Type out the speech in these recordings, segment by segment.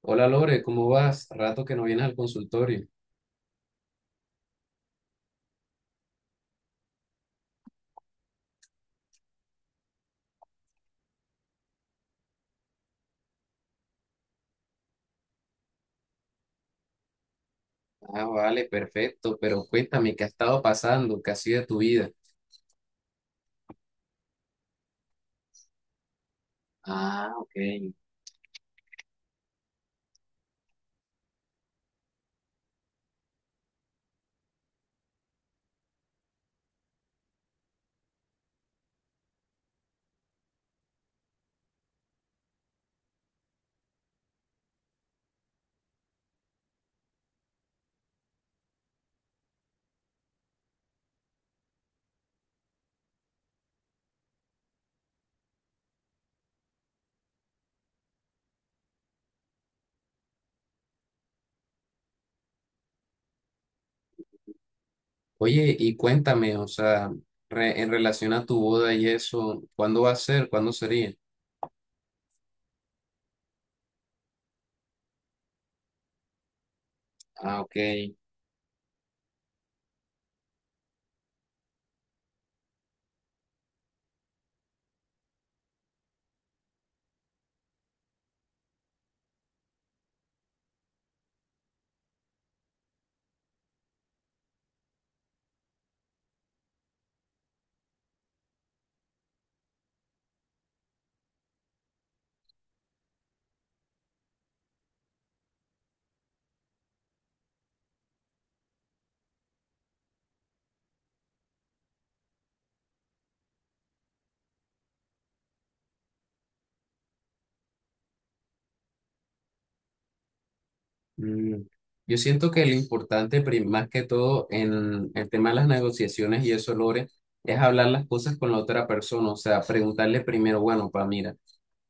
Hola Lore, ¿cómo vas? Rato que no vienes al consultorio. Ah, vale, perfecto, pero cuéntame, ¿qué ha estado pasando? ¿Qué ha sido de tu vida? Ah, ok. Oye, y cuéntame, o sea, en relación a tu boda y eso, ¿cuándo va a ser? ¿Cuándo sería? Ah, ok. Mm. Yo siento que lo importante, más que todo, en el tema de las negociaciones y eso, Lore, es hablar las cosas con la otra persona, o sea, preguntarle primero, bueno, pa, mira.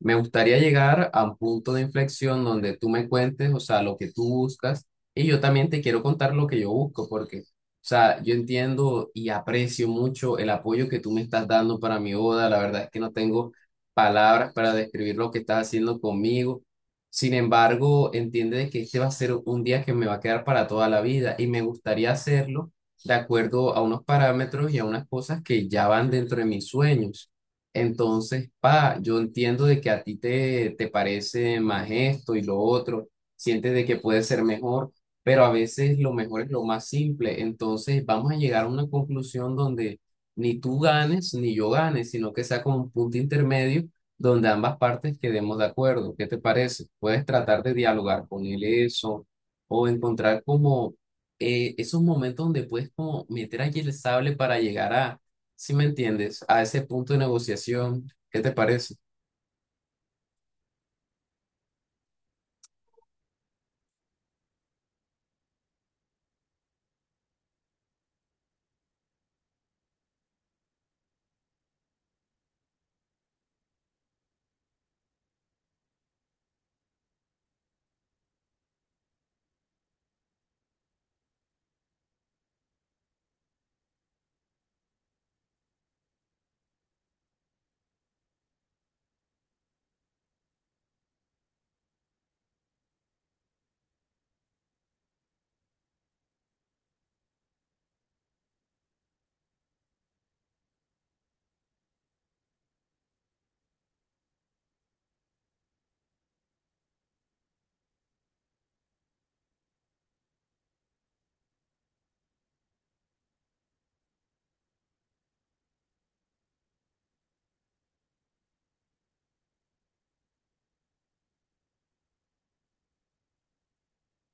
Me gustaría llegar a un punto de inflexión donde tú me cuentes, o sea, lo que tú buscas y yo también te quiero contar lo que yo busco, porque, o sea, yo entiendo y aprecio mucho el apoyo que tú me estás dando para mi boda. La verdad es que no tengo palabras para describir lo que estás haciendo conmigo. Sin embargo, entiende de que este va a ser un día que me va a quedar para toda la vida y me gustaría hacerlo de acuerdo a unos parámetros y a unas cosas que ya van dentro de mis sueños. Entonces, pa, yo entiendo de que a ti te parece más esto y lo otro, sientes de que puede ser mejor, pero a veces lo mejor es lo más simple. Entonces, vamos a llegar a una conclusión donde ni tú ganes ni yo gane, sino que sea como un punto intermedio donde ambas partes quedemos de acuerdo. ¿Qué te parece? Puedes tratar de dialogar con él eso o encontrar como esos momentos donde puedes como meter allí el sable para llegar a si me entiendes, a ese punto de negociación, ¿qué te parece?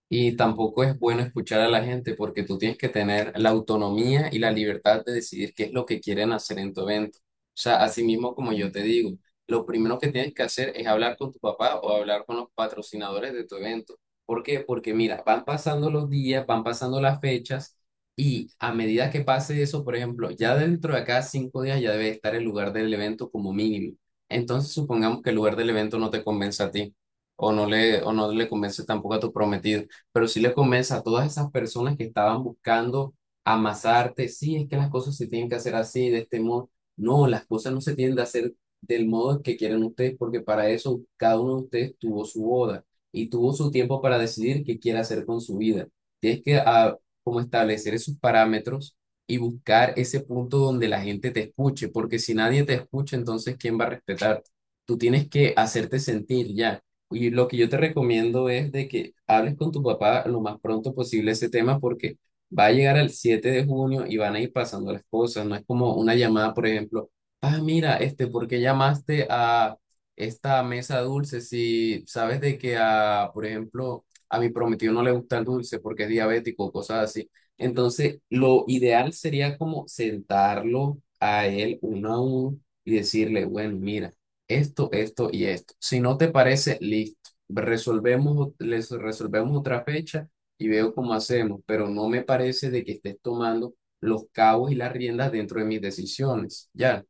Y tampoco es bueno escuchar a la gente porque tú tienes que tener la autonomía y la libertad de decidir qué es lo que quieren hacer en tu evento. O sea, así mismo como yo te digo, lo primero que tienes que hacer es hablar con tu papá o hablar con los patrocinadores de tu evento. ¿Por qué? Porque mira, van pasando los días, van pasando las fechas y a medida que pase eso, por ejemplo, ya dentro de acá 5 días ya debe estar el lugar del evento como mínimo. Entonces, supongamos que el lugar del evento no te convence a ti o no le convence tampoco a tu prometido pero sí le convence a todas esas personas que estaban buscando amasarte, sí, es que las cosas se tienen que hacer así, de este modo. No, las cosas no se tienen que hacer del modo que quieren ustedes, porque para eso cada uno de ustedes tuvo su boda y tuvo su tiempo para decidir qué quiere hacer con su vida. Tienes que como establecer esos parámetros y buscar ese punto donde la gente te escuche, porque si nadie te escucha, entonces ¿quién va a respetar? Tú tienes que hacerte sentir ya. Y lo que yo te recomiendo es de que hables con tu papá lo más pronto posible ese tema porque va a llegar el 7 de junio y van a ir pasando las cosas. No es como una llamada, por ejemplo, ah, mira, este, ¿por qué llamaste a esta mesa dulce? Si sabes de que a, por ejemplo, a mi prometido no le gusta el dulce porque es diabético o cosas así. Entonces, lo ideal sería como sentarlo a él uno a uno y decirle, bueno, mira esto, esto y esto. Si no te parece, listo. Resolvemos, les resolvemos otra fecha y veo cómo hacemos, pero no me parece de que estés tomando los cabos y las riendas dentro de mis decisiones. Ya,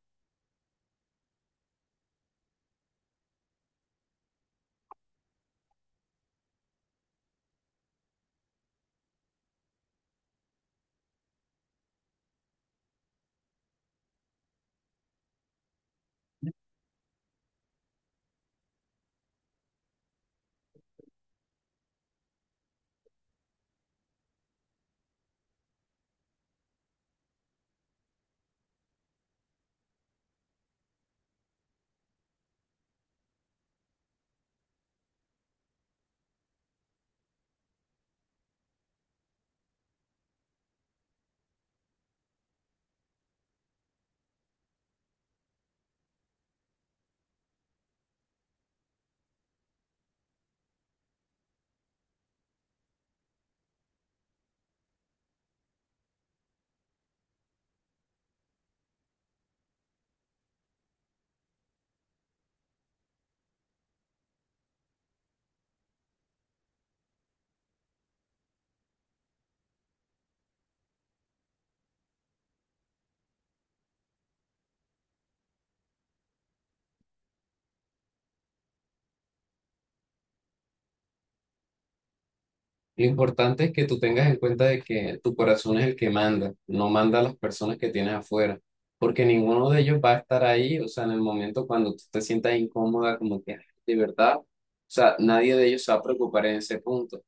lo importante es que tú tengas en cuenta de que tu corazón es el que manda, no manda a las personas que tienes afuera, porque ninguno de ellos va a estar ahí, o sea, en el momento cuando tú te sientas incómoda, como que "Ay, de verdad, o sea, nadie de ellos se va a preocupar en ese punto.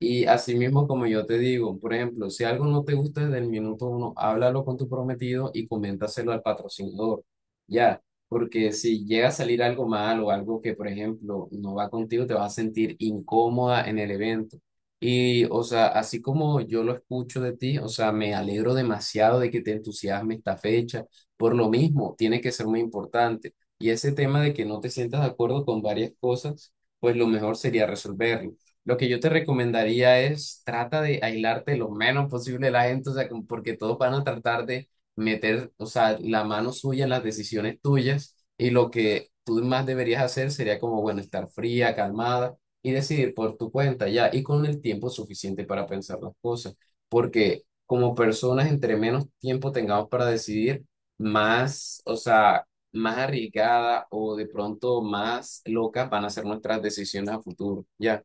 Y así mismo, como yo te digo, por ejemplo, si algo no te gusta desde el minuto uno, háblalo con tu prometido y coméntaselo al patrocinador. Ya, porque si llega a salir algo mal o algo que, por ejemplo, no va contigo, te vas a sentir incómoda en el evento. Y, o sea, así como yo lo escucho de ti, o sea, me alegro demasiado de que te entusiasme esta fecha. Por lo mismo, tiene que ser muy importante. Y ese tema de que no te sientas de acuerdo con varias cosas, pues lo mejor sería resolverlo. Lo que yo te recomendaría es trata de aislarte lo menos posible de la gente, o sea, como porque todos van a tratar de meter, o sea, la mano suya en las decisiones tuyas y lo que tú más deberías hacer sería como, bueno, estar fría, calmada y decidir por tu cuenta ya y con el tiempo suficiente para pensar las cosas, porque como personas, entre menos tiempo tengamos para decidir, más, o sea, más arriesgada o de pronto más locas van a ser nuestras decisiones a futuro, ya.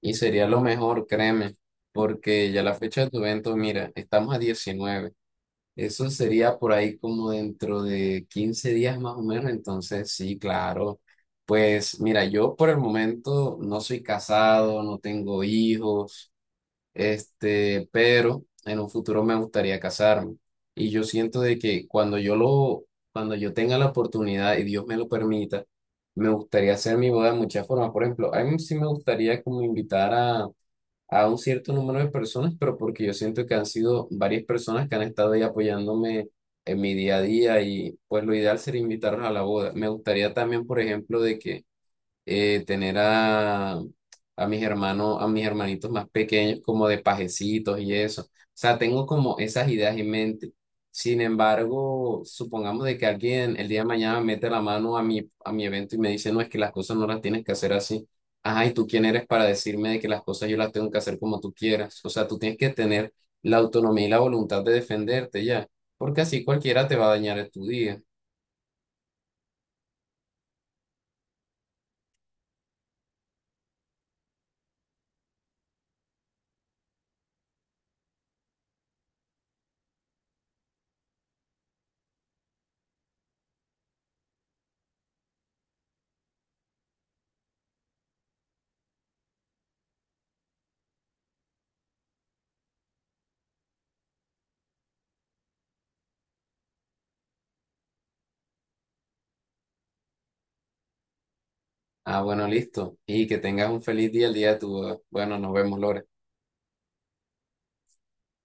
Y sería lo mejor, créeme, porque ya la fecha de tu evento, mira, estamos a 19. Eso sería por ahí como dentro de 15 días más o menos. Entonces, sí, claro. Pues mira, yo por el momento no soy casado, no tengo hijos, este, pero en un futuro me gustaría casarme. Y yo siento de que cuando yo lo, cuando yo tenga la oportunidad y Dios me lo permita, me gustaría hacer mi boda de muchas formas. Por ejemplo, a mí sí me gustaría como invitar a un cierto número de personas, pero porque yo siento que han sido varias personas que han estado ahí apoyándome en mi día a día y pues lo ideal sería invitarlos a la boda. Me gustaría también, por ejemplo, de que tener a mis hermanos, a mis hermanitos más pequeños como de pajecitos y eso. O sea, tengo como esas ideas en mente. Sin embargo, supongamos de que alguien el día de mañana mete la mano a a mi evento y me dice, no, es que las cosas no las tienes que hacer así. Ajá, ¿y tú quién eres para decirme de que las cosas yo las tengo que hacer como tú quieras? O sea, tú tienes que tener la autonomía y la voluntad de defenderte ya, porque así cualquiera te va a dañar tu día. Ah, bueno, listo. Y que tengas un feliz día el día de tu boda. Bueno, nos vemos, Lore.